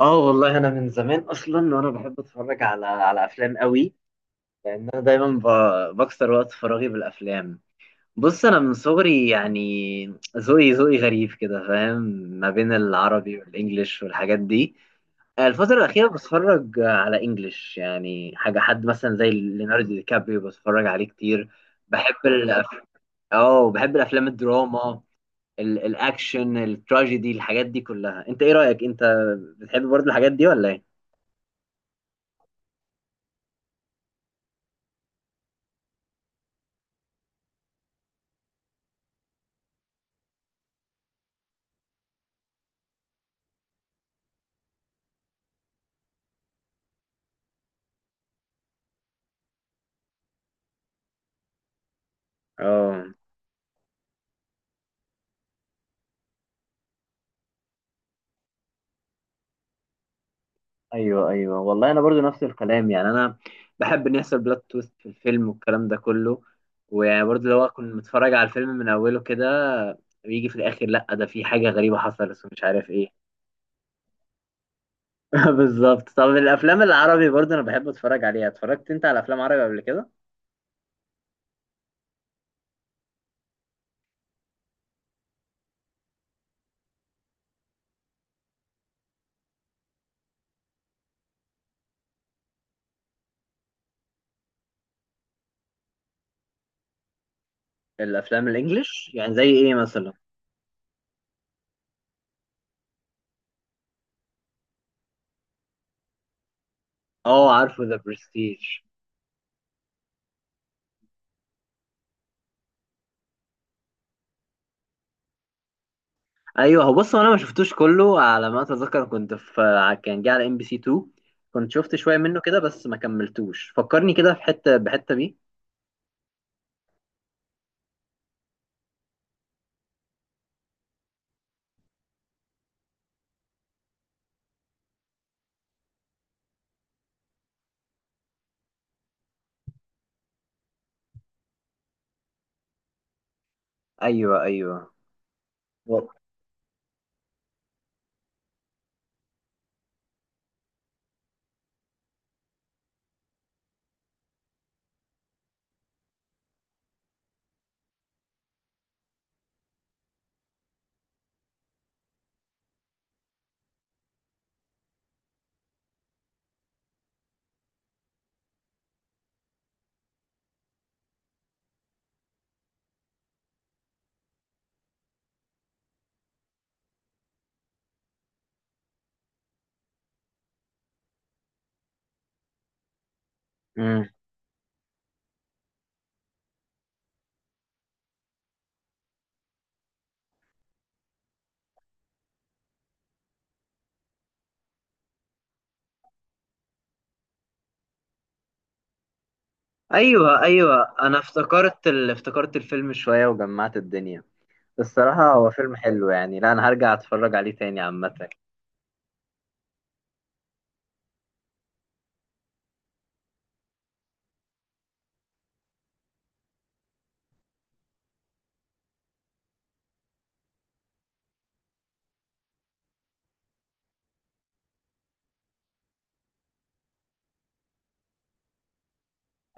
اه، والله انا من زمان اصلا وانا بحب اتفرج على افلام قوي. لان انا دايما بكسر وقت فراغي بالافلام. بص، انا من صغري يعني ذوقي غريب كده، فاهم؟ ما بين العربي والانجليش والحاجات دي. الفترة الأخيرة بتفرج على انجليش، يعني حاجة حد مثلا زي ليوناردو دي كابريو بتفرج عليه كتير. بحب اه، بحب الافلام الدراما، الاكشن، التراجيدي، الحاجات دي كلها. انت ايه رأيك؟ انت بتحب برضه الحاجات دي ولا ايه؟ اه، ايوه ايوه، والله انا برضو نفس الكلام. يعني انا بحب ان يحصل بلوت تويست في الفيلم والكلام ده كله، ويعني برضو لو اكون متفرج على الفيلم من اوله كده، بيجي في الاخر: لا، ده في حاجه غريبه حصلت ومش عارف ايه. بالظبط. طب الافلام العربي برضو انا بحب اتفرج عليها. اتفرجت انت على افلام عربي قبل كده؟ الافلام الانجليش يعني زي ايه مثلا؟ اه، عارفه ذا برستيج. ايوه، هو بص، هو انا ما شفتوش كله، على ما اتذكر. كنت في كان جه على ام بي سي 2. كنت شفت شويه منه كده بس ما كملتوش. فكرني كده في حته بحته بيه. ايوه ايوه، و- مم. ايوه ايوه، انا افتكرت افتكرت الفيلم شويه وجمعت الدنيا. الصراحه هو فيلم حلو يعني، لا انا هرجع اتفرج عليه تاني عامه.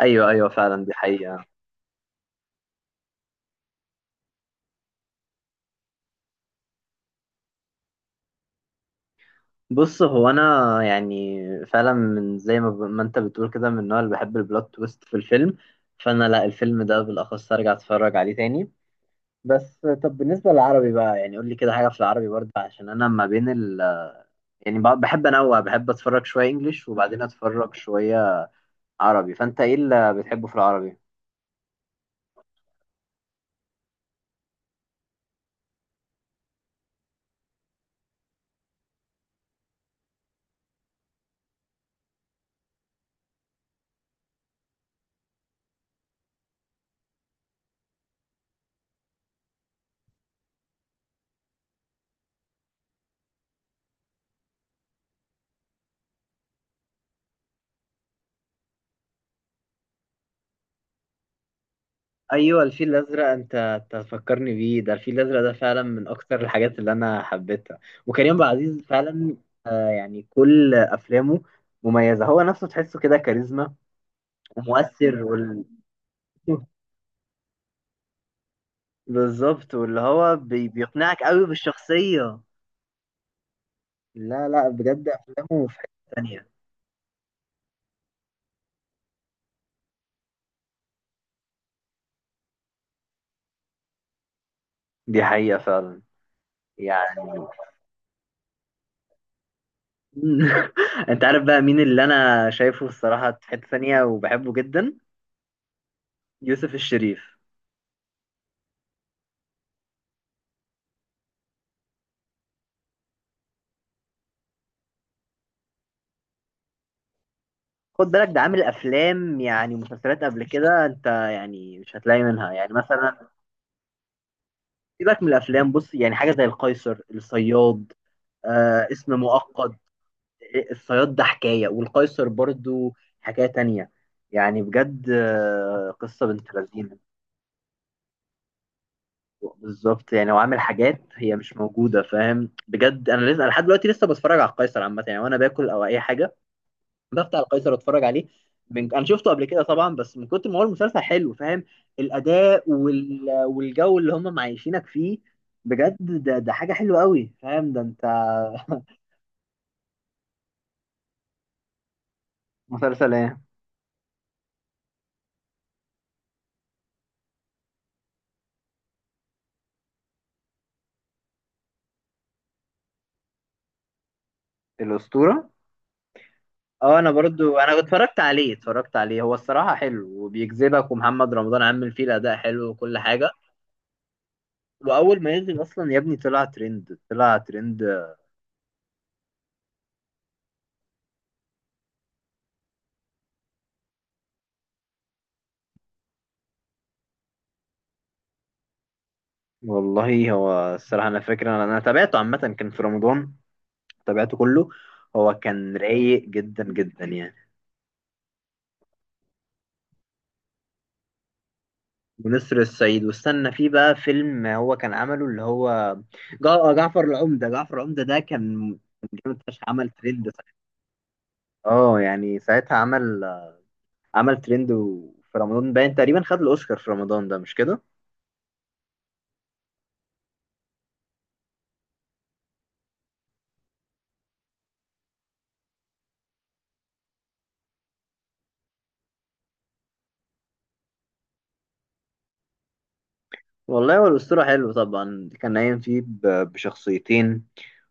ايوه ايوه فعلا، دي حقيقه. بص هو انا يعني فعلا من زي ما، ما انت بتقول كده، من النوع اللي بحب البلوت تويست في الفيلم. فانا، لا الفيلم ده بالاخص ارجع اتفرج عليه تاني. بس طب بالنسبه للعربي بقى، يعني قول لي كده حاجه في العربي برضه، عشان انا ما بين ال، يعني بحب انوع، بحب اتفرج شويه انجليش وبعدين اتفرج شويه عربي. فانت ايه اللي بتحبه في العربي؟ ايوه، الفيل الازرق! انت تفكرني بيه، ده الفيل الازرق ده فعلا من اكتر الحاجات اللي انا حبيتها. وكريم عبد العزيز فعلا، آه يعني كل افلامه مميزه. هو نفسه تحسه كده كاريزما، ومؤثر بالظبط، واللي هو بيقنعك قوي بالشخصيه. لا لا، بجد افلامه في حته تانية. دي حقيقه فعلا. يعني انت عارف بقى مين اللي انا شايفه الصراحه في حته تانية وبحبه جدا؟ يوسف الشريف. خد بالك، ده عامل افلام يعني مسلسلات قبل كده، انت يعني مش هتلاقي منها يعني مثلا. سيبك من الافلام. بص يعني حاجه زي القيصر، الصياد، آه اسم مؤقت. الصياد ده حكايه، والقيصر برضو حكايه تانية. يعني بجد، آه قصه بنت لذينه. بالظبط، يعني هو عامل حاجات هي مش موجوده، فاهم؟ بجد انا لسه لحد دلوقتي لسه بتفرج على القيصر عامه، يعني وانا باكل او اي حاجه بفتح القيصر اتفرج عليه. انا شفته قبل كده طبعا، بس من كتر ما هو المسلسل حلو، فاهم؟ الاداء والجو اللي هم معيشينك فيه. بجد ده حاجه حلوه قوي، فاهم؟ ده انت. مسلسل ايه؟ الاسطوره. اه، انا برضو اتفرجت عليه، اتفرجت عليه. هو الصراحه حلو وبيجذبك، ومحمد رمضان عامل فيه الاداء حلو وكل حاجه. واول ما ينزل اصلا يا ابني طلع ترند، طلع ترند. والله هو الصراحه انا فاكر، انا تابعته عامه، كان في رمضان تابعته كله. هو كان رايق جدا جدا يعني. ونسر الصعيد. واستنى فيه بقى فيلم هو كان عمله اللي هو جعفر العمدة. جعفر العمدة ده كان جامد فشخ، عمل ترند ساعتها. اه، يعني ساعتها عمل ترند، في رمضان باين تقريبا خد الأوسكار في رمضان، ده مش كده؟ والله هو الأسطورة حلو طبعا، كان قايم فيه بشخصيتين،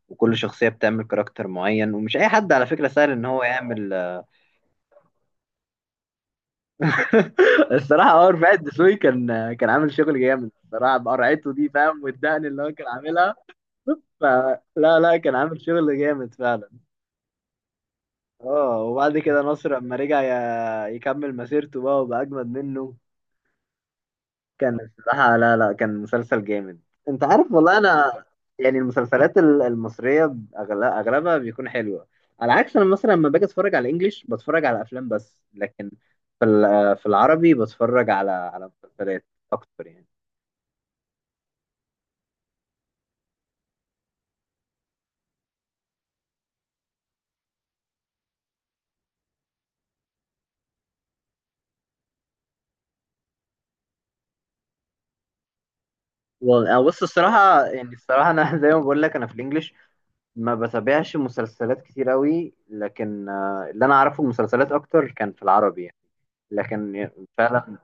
وكل شخصية بتعمل كاركتر معين، ومش أي حد على فكرة سهل إن هو يعمل. الصراحه اه، رفاعي الدسوقي كان عامل شغل جامد الصراحه بقرعته دي، فاهم؟ والدقن اللي هو كان عاملها. فلا لا لا، كان عامل شغل جامد فعلا. اه، وبعد كده نصر لما رجع يكمل مسيرته بقى، وبقى اجمد منه. كان الصراحه، لا لا، كان مسلسل جامد. انت عارف، والله انا يعني المسلسلات المصريه اغلبها بيكون حلوه. على عكس انا مثلا لما باجي اتفرج على الانجليش، بتفرج على افلام بس، لكن في العربي بتفرج على مسلسلات اكتر يعني. والله آه، بص الصراحة. يعني الصراحة أنا زي ما بقول لك أنا في الإنجليش ما بتابعش مسلسلات كتير أوي، لكن آه، اللي أنا أعرفه المسلسلات أكتر كان في العربي يعني. لكن فعلا.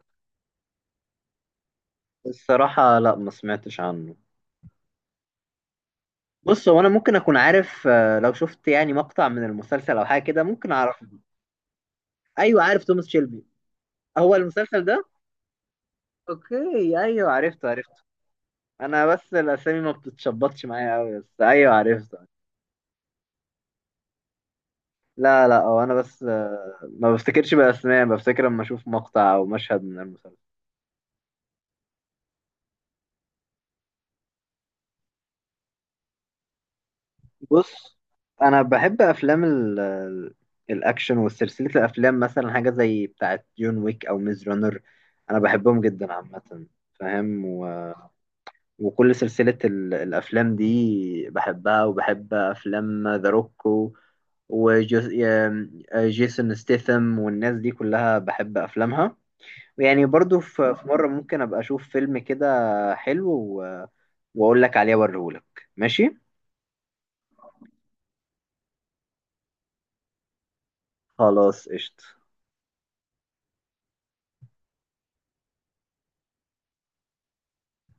الصراحة لا، ما سمعتش عنه. بص هو أنا ممكن أكون عارف، آه، لو شفت يعني مقطع من المسلسل أو حاجة كده ممكن أعرفه. أيوه، عارف توماس شيلبي. هو المسلسل ده؟ أوكي، أيوه عرفته عرفته. أنا بس الأسامي ما بتتشبطش معايا أوي، بس أيوه عرفته. لا لا، هو انا بس آه، ما بفتكرش باسماء، بفتكر لما اشوف مقطع او مشهد من المسلسل. بص انا بحب افلام الاكشن، وسلسله الافلام مثلا حاجه زي بتاعه جون ويك او ميز رانر. انا بحبهم جدا عامه، فاهم؟ وكل سلسله الافلام دي بحبها، وبحب افلام ذا روك وجيسون ستيثم والناس دي كلها بحب افلامها. يعني برضو في مرة ممكن أبقى أشوف فيلم كده حلو وأقول لك عليه وأوريهولك. ماشي، خلاص قشطة.